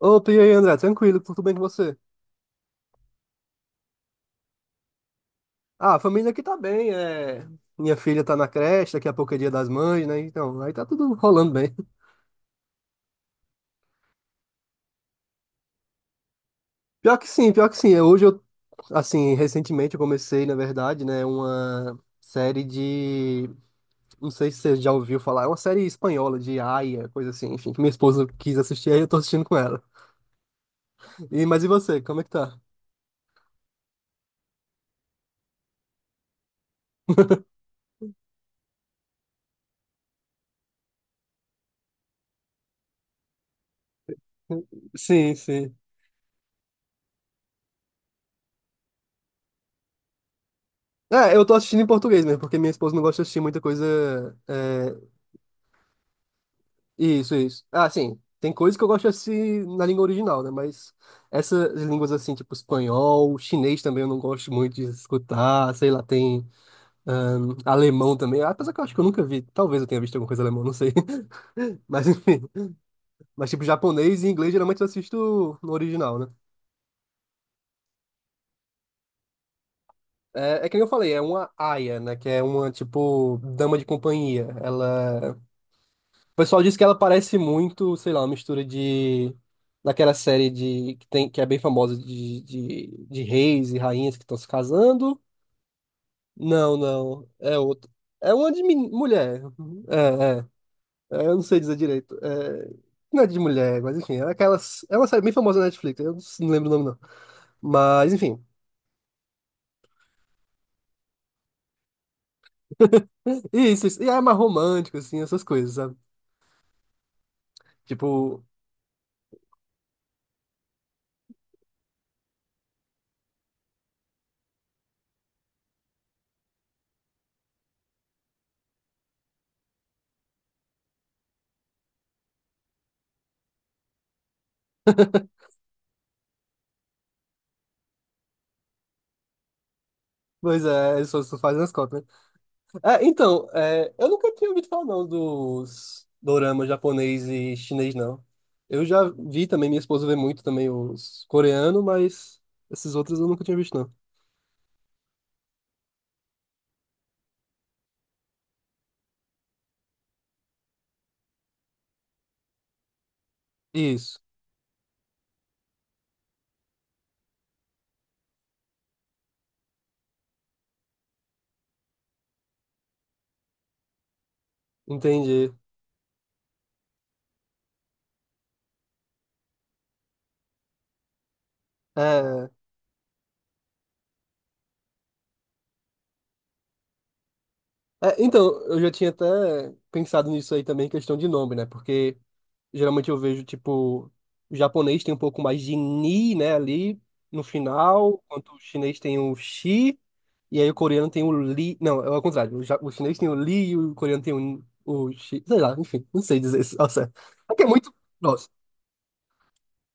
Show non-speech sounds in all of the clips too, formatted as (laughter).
Opa, e aí, André? Tranquilo, tudo bem com você? Ah, a família aqui tá bem, minha filha tá na creche, daqui a pouco é dia das mães, né? Então, aí tá tudo rolando bem. (laughs) Pior que sim, pior que sim. É, Hoje eu, assim, recentemente eu comecei, Na verdade, né, uma não sei se você já ouviu falar, é uma série espanhola de Aia, coisa assim, enfim, que minha esposa quis assistir, aí eu tô assistindo com ela. E, mas e você, como é que tá? Sim, sim. É, eu tô assistindo em português mesmo, porque minha esposa não gosta de assistir muita coisa é, isso, isso. Ah, sim. Tem coisas que eu gosto assim na língua original, né? Mas essas línguas assim, tipo espanhol, chinês também eu não gosto muito de escutar, sei lá, tem alemão também. Ah, apesar que eu acho que eu nunca vi. Talvez eu tenha visto alguma coisa alemã, não sei. (laughs) Mas enfim. Mas tipo japonês e inglês geralmente eu assisto no original, né? É, é que nem eu falei, é uma aia, né? Que é uma, tipo, dama de companhia. Ela. O pessoal diz que ela parece muito, sei lá, uma mistura de. Daquela série de que tem que é bem famosa de reis e rainhas que estão se casando. Não, não. É outro. É uma de mulher. É, é. É, eu não sei dizer direito. É, não é de mulher, mas enfim. É, aquelas, é uma série bem famosa na Netflix. Eu não lembro o nome, não. Mas, enfim. Isso, isso. E é mais romântico, assim, essas coisas, sabe? Tipo, pois é, eles só fazem as cópias. É, então, é, eu nunca tinha ouvido falar não dos doramas japonês e chinês, não. Eu já vi também, minha esposa vê muito também os coreanos, mas esses outros eu nunca tinha visto, não. Isso, entendi. É, é, então, eu já tinha até pensado nisso aí também, questão de nome, né? Porque geralmente eu vejo, tipo, o japonês tem um pouco mais de ni, né, ali no final, enquanto o chinês tem o xi, e aí o coreano tem o li. Não, é ao contrário, o chinês tem o li e o coreano tem o xi. Sei lá, enfim, não sei dizer isso (laughs) ao certo. É que é muito. Nossa.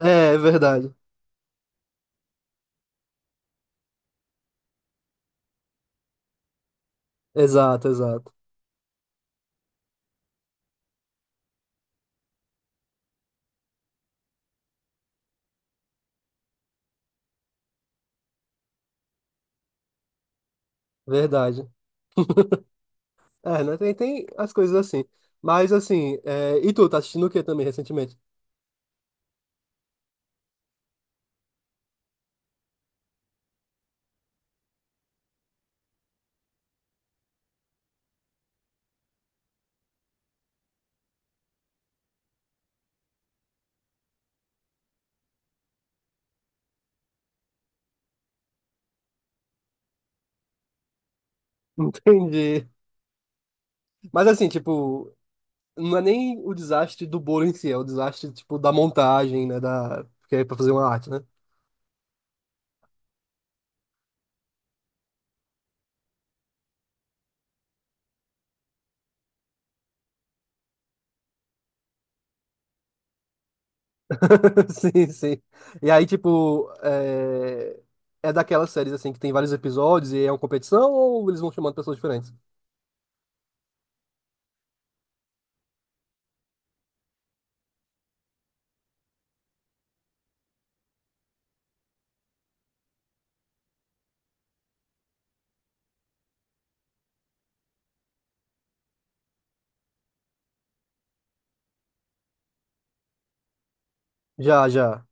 É, é verdade. Exato, exato. Verdade. É, né? Tem as coisas assim. Mas assim, é, e tu, tá assistindo o que também recentemente? (laughs) Entendi. Mas assim, tipo, não é nem o desastre do bolo em si, é o desastre, tipo, da montagem, né? Porque é pra fazer uma arte, né? (laughs) Sim, sim. E aí, tipo, é... é daquelas séries, assim, que tem vários episódios e é uma competição ou eles vão chamando pessoas diferentes? Já, já.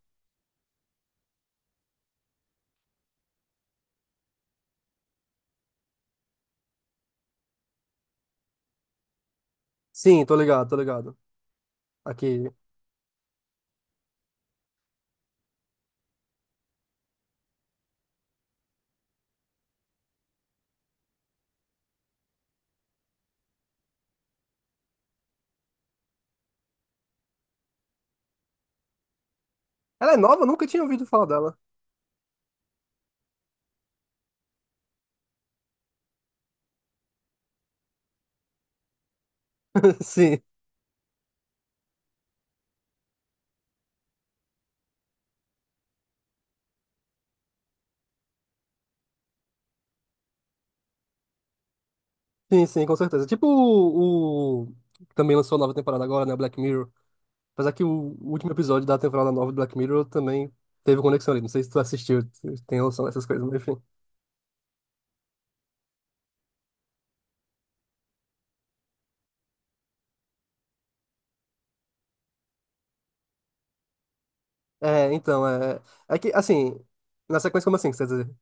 Sim, tô ligado, tô ligado. Aqui. Ela é nova? Eu nunca tinha ouvido falar dela. (laughs) Sim, sim, sim, com certeza. Que também lançou a nova temporada agora, né? Black Mirror. Apesar que o último episódio da temporada nova do Black Mirror também teve conexão ali. Não sei se tu assistiu, tu tem noção dessas coisas, mas enfim. É, então, é. É que, assim, na sequência, como assim, que você quer dizer?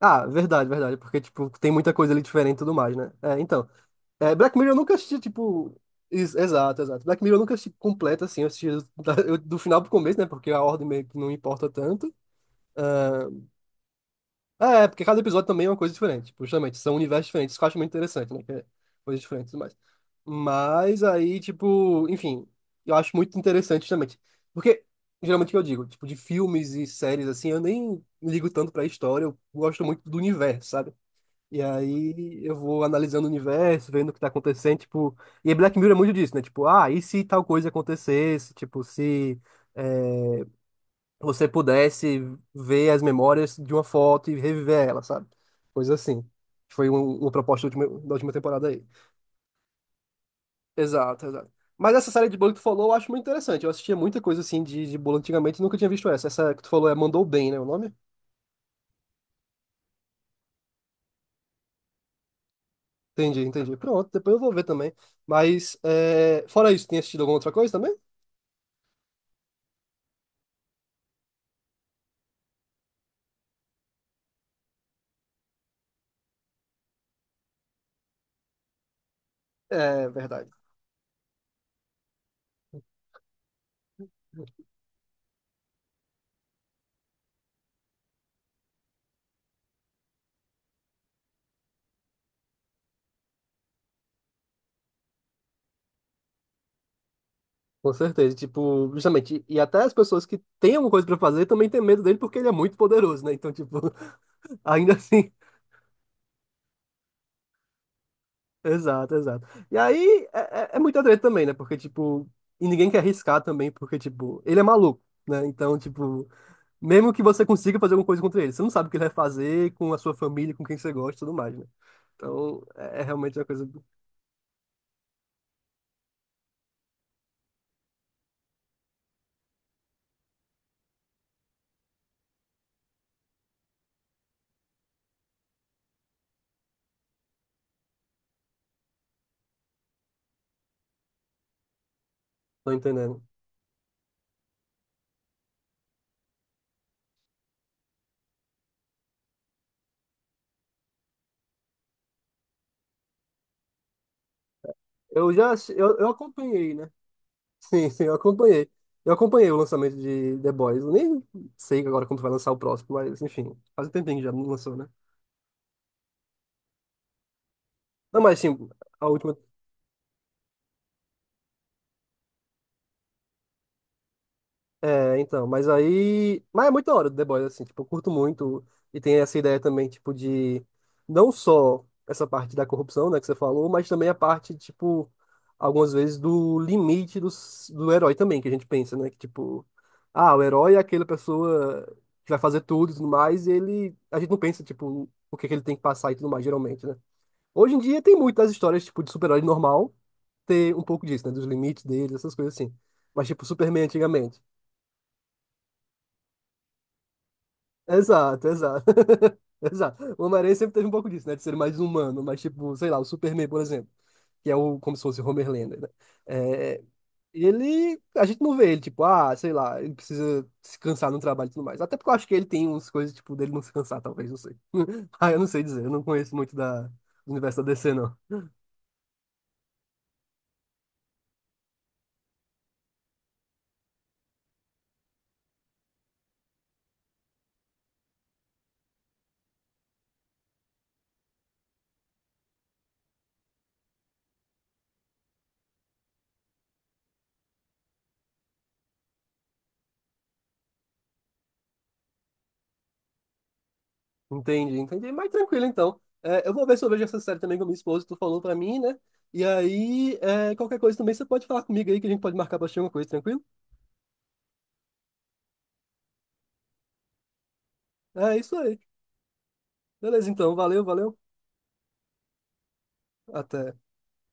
Ah, verdade, verdade, porque, tipo, tem muita coisa ali diferente e tudo mais, né? É, então. É, Black Mirror eu nunca assisti, tipo. Exato, exato. Black Mirror eu nunca assisti completo, assim, eu assisti (laughs) do final pro começo, né? Porque a ordem meio que não importa tanto. É, ah, é, porque cada episódio também é uma coisa diferente. Tipo, justamente, são universos diferentes, isso que eu acho muito interessante, né? Que é coisas diferentes e tudo mais. Mas aí, tipo, enfim, eu acho muito interessante justamente. Porque, geralmente, o que eu digo, tipo, de filmes e séries, assim, eu nem ligo tanto pra história, eu gosto muito do universo, sabe? E aí eu vou analisando o universo, vendo o que tá acontecendo, tipo. E Black Mirror é muito disso, né? Tipo, ah, e se tal coisa acontecesse? Tipo, se. Eh, Você pudesse ver as memórias de uma foto e reviver ela, sabe? Coisa assim. Foi uma proposta da última temporada aí. Exato, exato. Mas essa série de bolo que tu falou, eu acho muito interessante. Eu assistia muita coisa assim de bolo antigamente e nunca tinha visto essa. Essa que tu falou é Mandou Bem, né? O nome? Entendi, entendi. Pronto, depois eu vou ver também. Mas, é, fora isso, tem assistido alguma outra coisa também? É verdade. Com certeza, tipo, justamente, e até as pessoas que têm alguma coisa pra fazer também têm medo dele porque ele é muito poderoso, né? Então, tipo, (laughs) ainda assim, exato, exato. E aí é, é muita treta também, né? Porque, tipo, e ninguém quer arriscar também, porque, tipo, ele é maluco, né? Então, tipo, mesmo que você consiga fazer alguma coisa contra ele, você não sabe o que ele vai fazer com a sua família, com quem você gosta e tudo mais, né? Então, é, é realmente uma coisa. Tô entendendo. Eu já, eu acompanhei, né? (laughs) Sim, sim, eu acompanhei. Eu acompanhei o lançamento de The Boys. Eu nem sei agora quando vai lançar o próximo, mas, enfim, faz um tempinho que já não lançou, né? Não, mas, sim, a última. É, então, mas aí. Mas é muito da hora do The Boys, assim, tipo, eu curto muito. E tem essa ideia também, tipo, de não só essa parte da corrupção, né, que você falou, mas também a parte, tipo, algumas vezes do limite do herói também, que a gente pensa, né? Que, tipo, ah, o herói é aquela pessoa que vai fazer tudo e tudo mais, e ele. A gente não pensa, tipo, o que que ele tem que passar e tudo mais, geralmente, né? Hoje em dia tem muitas histórias, tipo, de super-herói normal ter um pouco disso, né? Dos limites dele, essas coisas assim. Mas, tipo, Superman antigamente. Exato, exato. (laughs) Exato. O Homem-Aranha sempre teve um pouco disso, né? De ser mais humano, mas tipo, sei lá, o Superman, por exemplo, que é o, como se fosse o Homer Lander, né? É, ele, a gente não vê ele, tipo, ah, sei lá, ele precisa se cansar no trabalho e tudo mais. Até porque eu acho que ele tem umas coisas, tipo, dele não se cansar, talvez, não sei. (laughs) Ah, eu não sei dizer, eu não conheço muito do universo da DC, não. Entendi, entendi. Mas tranquilo, então. É, eu vou ver se eu vejo essa série também com a minha esposa, tu falou pra mim, né? E aí, é, qualquer coisa também você pode falar comigo aí, que a gente pode marcar pra assistir alguma coisa, tranquilo? É isso aí. Beleza, então. Valeu, valeu. Até.